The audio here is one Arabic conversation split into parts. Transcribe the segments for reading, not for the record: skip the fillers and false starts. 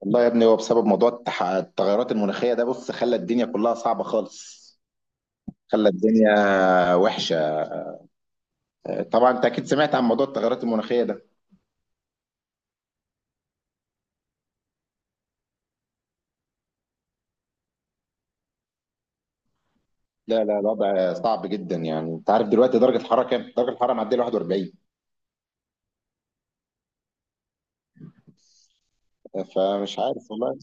والله يا ابني، هو بسبب موضوع التغيرات المناخية ده. بص، خلى الدنيا كلها صعبة خالص. خلى الدنيا وحشة. طبعا انت اكيد سمعت عن موضوع التغيرات المناخية ده. لا لا، الوضع صعب جدا. يعني انت عارف دلوقتي درجة الحرارة كام؟ درجة الحرارة معدية 41. فمش عارف والله.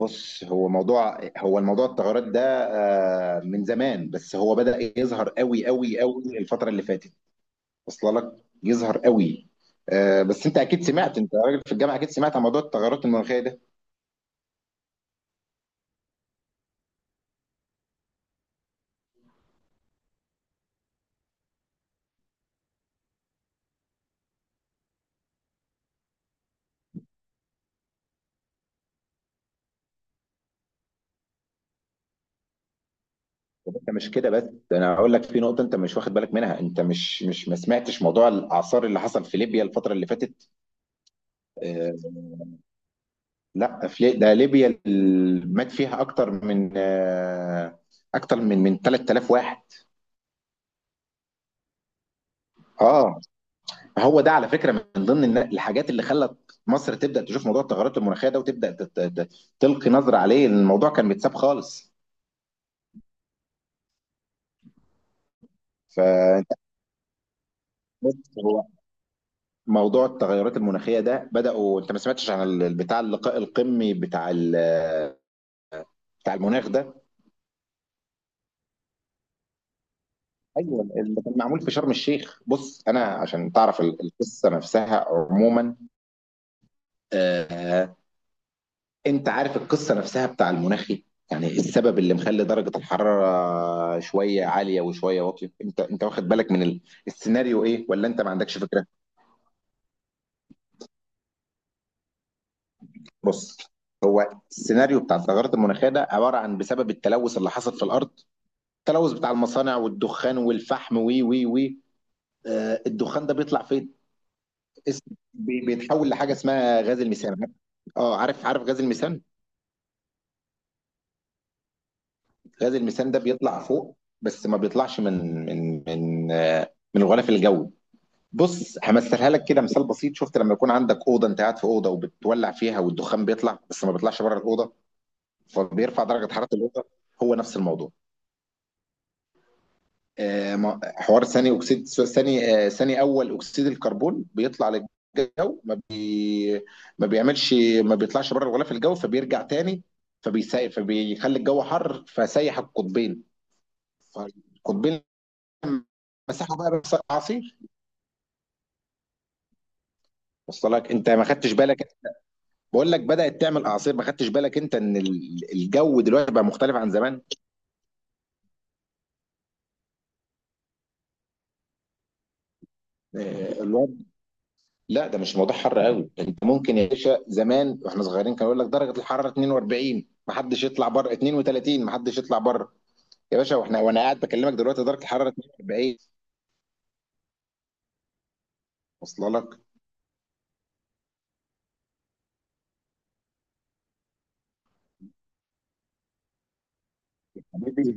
بص، هو موضوع هو الموضوع التغيرات ده من زمان، بس هو بدأ يظهر قوي قوي قوي الفترة اللي فاتت. وصل لك؟ يظهر قوي. بس انت اكيد سمعت، انت راجل في الجامعة، اكيد سمعت عن موضوع التغيرات المناخية ده. انت مش كده بس، ده انا هقول لك في نقطه انت مش واخد بالك منها. انت مش ما سمعتش موضوع الاعصار اللي حصل في ليبيا الفتره اللي فاتت؟ آه لا، ده ليبيا اللي مات فيها اكتر من 3000 واحد. اه، هو ده على فكره من ضمن الحاجات اللي خلت مصر تبدا تشوف موضوع التغيرات المناخيه ده، وتبدا تلقي نظره عليه. الموضوع كان متساب خالص. فانت بص، هو موضوع التغيرات المناخيه ده بداوا. انت ما سمعتش عن بتاع اللقاء القمي بتاع المناخ ده؟ ايوه، اللي كان معمول في شرم الشيخ. بص، انا عشان تعرف القصه نفسها عموما. آه، انت عارف القصه نفسها بتاع المناخي؟ يعني إيه السبب اللي مخلي درجه الحراره شويه عاليه وشويه واطيه؟ انت واخد بالك من السيناريو ايه، ولا انت ما عندكش فكره؟ بص، هو السيناريو بتاع التغيرات المناخيه ده عباره عن بسبب التلوث اللي حصل في الارض. التلوث بتاع المصانع والدخان والفحم وي وي وي الدخان ده بيطلع فين؟ بيتحول لحاجه اسمها غاز الميثان. اه، عارف عارف غاز الميثان. غاز الميثان ده بيطلع فوق، بس ما بيطلعش من الغلاف الجوي. بص، همثلها لك كده مثال بسيط. شفت لما يكون عندك اوضه؟ انت قاعد في اوضه وبتولع فيها، والدخان بيطلع بس ما بيطلعش بره الاوضه، فبيرفع درجه حراره الاوضه. هو نفس الموضوع. حوار ثاني اكسيد ثاني اول اكسيد الكربون بيطلع للجو. ما بيعملش ما بيطلعش بره الغلاف الجوي، فبيرجع تاني، فبيسيح، فبيخلي الجو حر، فسيح القطبين. فالقطبين مسحوا بقى، بيحصل اعاصير. وصل لك؟ انت ما خدتش بالك. بقول لك بدأت تعمل اعاصير، ما خدتش بالك انت ان الجو دلوقتي بقى مختلف عن زمان. آه، الوضع لا، ده مش موضوع حر قوي. انت ممكن يا باشا زمان واحنا صغيرين كانوا يقول لك درجة الحرارة 42 ما حدش يطلع بره، 32 ما حدش يطلع بره. يا باشا، واحنا وانا قاعد بكلمك دلوقتي درجة الحرارة 42. وصل لك حبيبي.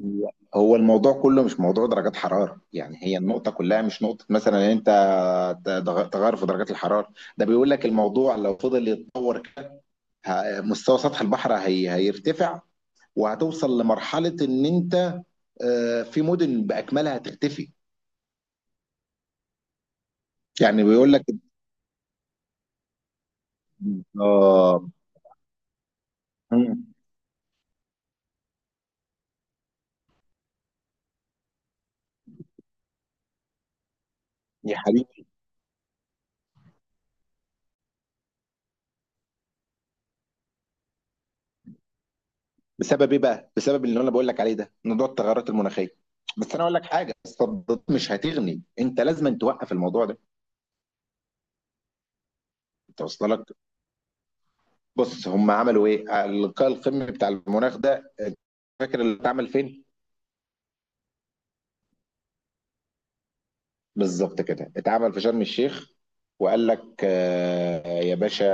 هو الموضوع كله مش موضوع درجات حرارة. يعني هي النقطة كلها مش نقطة مثلا ان انت تغير في درجات الحرارة ده، بيقول لك الموضوع لو فضل يتطور، مستوى سطح البحر هي هيرتفع، وهتوصل لمرحلة ان انت في مدن بأكملها هتختفي. يعني بيقول لك، اه مم. يا حبيبي، بسبب ايه بقى؟ بسبب اللي انا بقول لك عليه ده، موضوع التغيرات المناخية. بس انا اقول لك حاجة، الصدات مش هتغني. انت لازم توقف الموضوع ده. واصل لك؟ بص، هم عملوا ايه؟ اللقاء القمه بتاع المناخ ده، أنت فاكر اللي اتعمل فين؟ بالظبط كده، اتعمل في شرم الشيخ. وقال لك يا باشا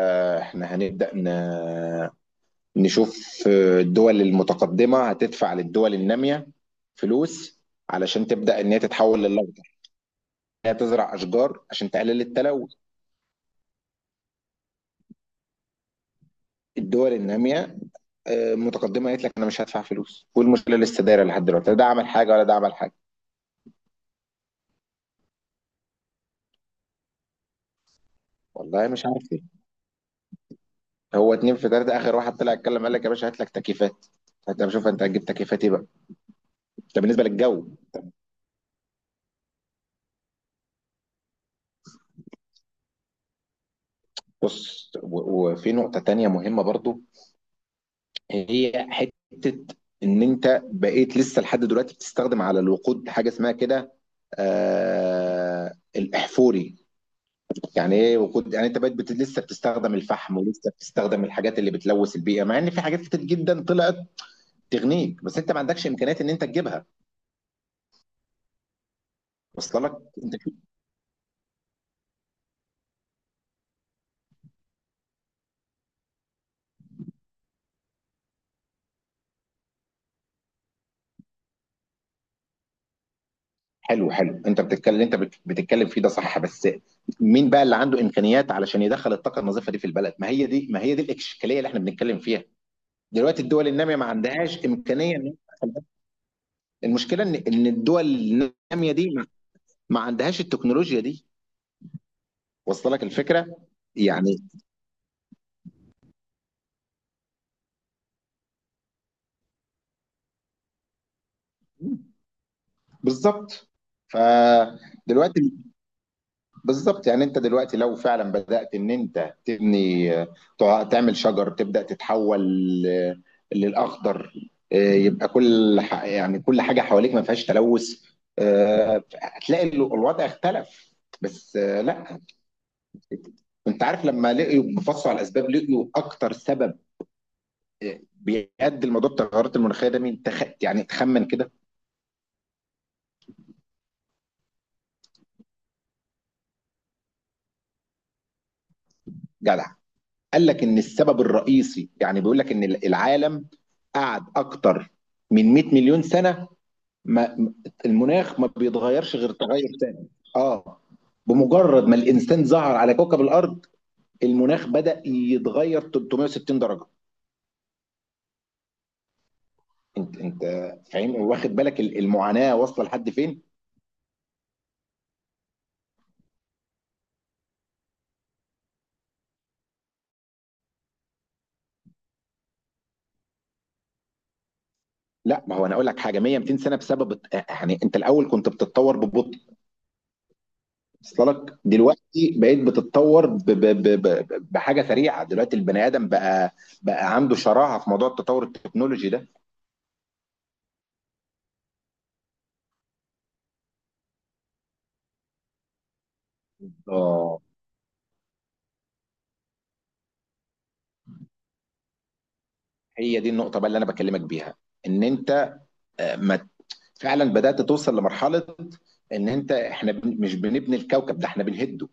احنا هنبدأ نشوف. الدول المتقدمة هتدفع للدول النامية فلوس علشان تبدأ ان هي تتحول للأخضر، إن هي تزرع أشجار عشان تقلل التلوث. الدول النامية آه، متقدمة قالت لك انا مش هدفع فلوس، والمشكلة لسه دايرة لحد دلوقتي، لا ده عمل حاجة ولا ده عمل حاجة. والله مش عارف. هو اتنين في تلاته، اخر واحد طلع اتكلم قال لك يا باشا هات لك تكييفات. هات يا باشا، شوف انت هتجيب تكييفات ايه بقى. ده بالنسبه للجو. بص، وفي نقطه تانية مهمه برضو، هي حته ان انت بقيت لسه لحد دلوقتي بتستخدم على الوقود حاجه اسمها كده، الاحفوري. يعني ايه وقود؟ يعني انت بقيت لسه بتستخدم الفحم، ولسه بتستخدم الحاجات اللي بتلوث البيئه، مع ان في حاجات كتير جدا طلعت تغنيك، بس انت ما عندكش امكانيات ان انت تجيبها. وصل لك انت؟ حلو حلو، انت بتتكلم اللي انت بتتكلم فيه ده صح، بس مين بقى اللي عنده امكانيات علشان يدخل الطاقه النظيفه دي في البلد؟ ما هي دي الاشكاليه اللي احنا بنتكلم فيها. دلوقتي الدول الناميه ما عندهاش امكانيه ان هي تدخل ده. المشكله ان الدول الناميه دي ما عندهاش التكنولوجيا دي. وصل لك الفكره؟ يعني بالظبط. فدلوقتي بالظبط، يعني انت دلوقتي لو فعلا بدأت ان انت تبني، تعمل شجر، تبدأ تتحول ل- للأخضر، يبقى كل يعني كل حاجة حواليك ما فيهاش تلوث. هتلاقي الوضع اختلف. بس لا، انت عارف لما لقيوا بفصوا على الاسباب لقيوا اكتر سبب بيؤدي لموضوع التغيرات المناخيه ده مين؟ يعني تخمن كده. جدع. قال لك ان السبب الرئيسي، يعني بيقول لك ان العالم قعد اكتر من 100 مليون سنه، ما المناخ ما بيتغيرش غير تغير تاني. اه، بمجرد ما الانسان ظهر على كوكب الارض المناخ بدأ يتغير 360 درجه. انت فاهم واخد بالك المعاناه واصله لحد فين؟ لا، ما هو انا اقول لك حاجه، 100 200 سنه بسبب يعني انت الاول كنت بتتطور ببطء. وصل لك؟ دلوقتي بقيت بتتطور بحاجه سريعه. دلوقتي البني ادم بقى عنده شراهه في موضوع التطور التكنولوجي ده. اه، هي دي النقطه بقى اللي انا بكلمك بيها، ان انت ما فعلا بدأت توصل لمرحلة، ان انت احنا مش بنبني الكوكب ده، احنا بنهده.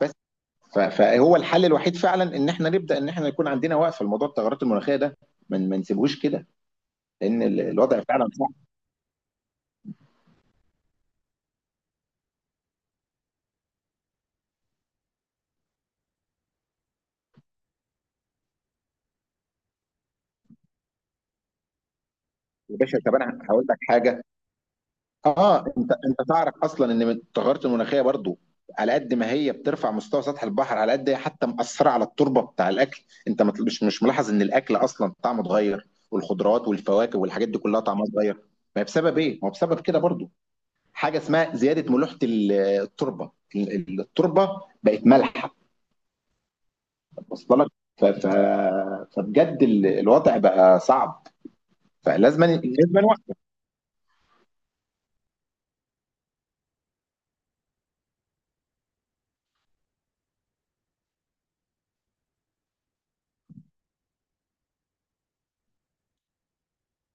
بس فهو الحل الوحيد فعلا ان احنا نبدأ، ان احنا يكون عندنا وقفة لموضوع التغيرات المناخية ده. ما نسيبهوش كده. لان الوضع فعلا صعب. يا باشا، طب انا هقول لك حاجة. اه، انت تعرف اصلا ان التغيرات المناخيه برضو، على قد ما هي بترفع مستوى سطح البحر، على قد هي حتى مأثره على التربه بتاع الاكل. انت مش ملاحظ ان الاكل اصلا طعمه اتغير، والخضروات والفواكه والحاجات دي كلها طعمها اتغير؟ ما هي بسبب ايه؟ ما هو بسبب كده برضو، حاجه اسمها زياده ملوحه التربه. التربه بقت مالحه. واصله لك؟ فبجد الوضع بقى صعب. فلازم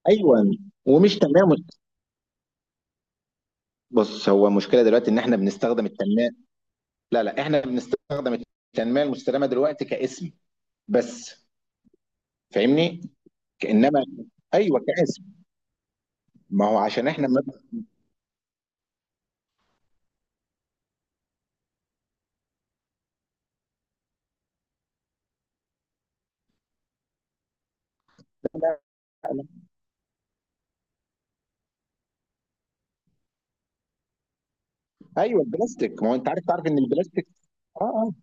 ايوه، ومش تمام. بص، هو المشكله دلوقتي ان احنا بنستخدم التنميه. لا لا، احنا بنستخدم التنميه المستدامه دلوقتي كاسم بس. فاهمني؟ انما ايوه كاسم. ما هو عشان احنا ما... ايوه البلاستيك. ما هو انت عارف، تعرف ان البلاستيك، اه اه،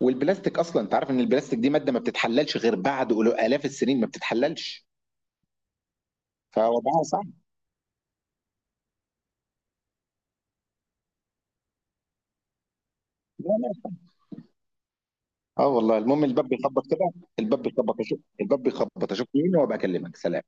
والبلاستيك اصلا انت عارف ان البلاستيك دي ماده ما بتتحللش غير بعد الاف السنين، ما بتتحللش. فوضعها صعب. لا لا. اه والله، المهم الباب بيخبط كده. الباب بيخبط، اشوف الباب بيخبط، اشوف مين وابقى اكلمك. سلام.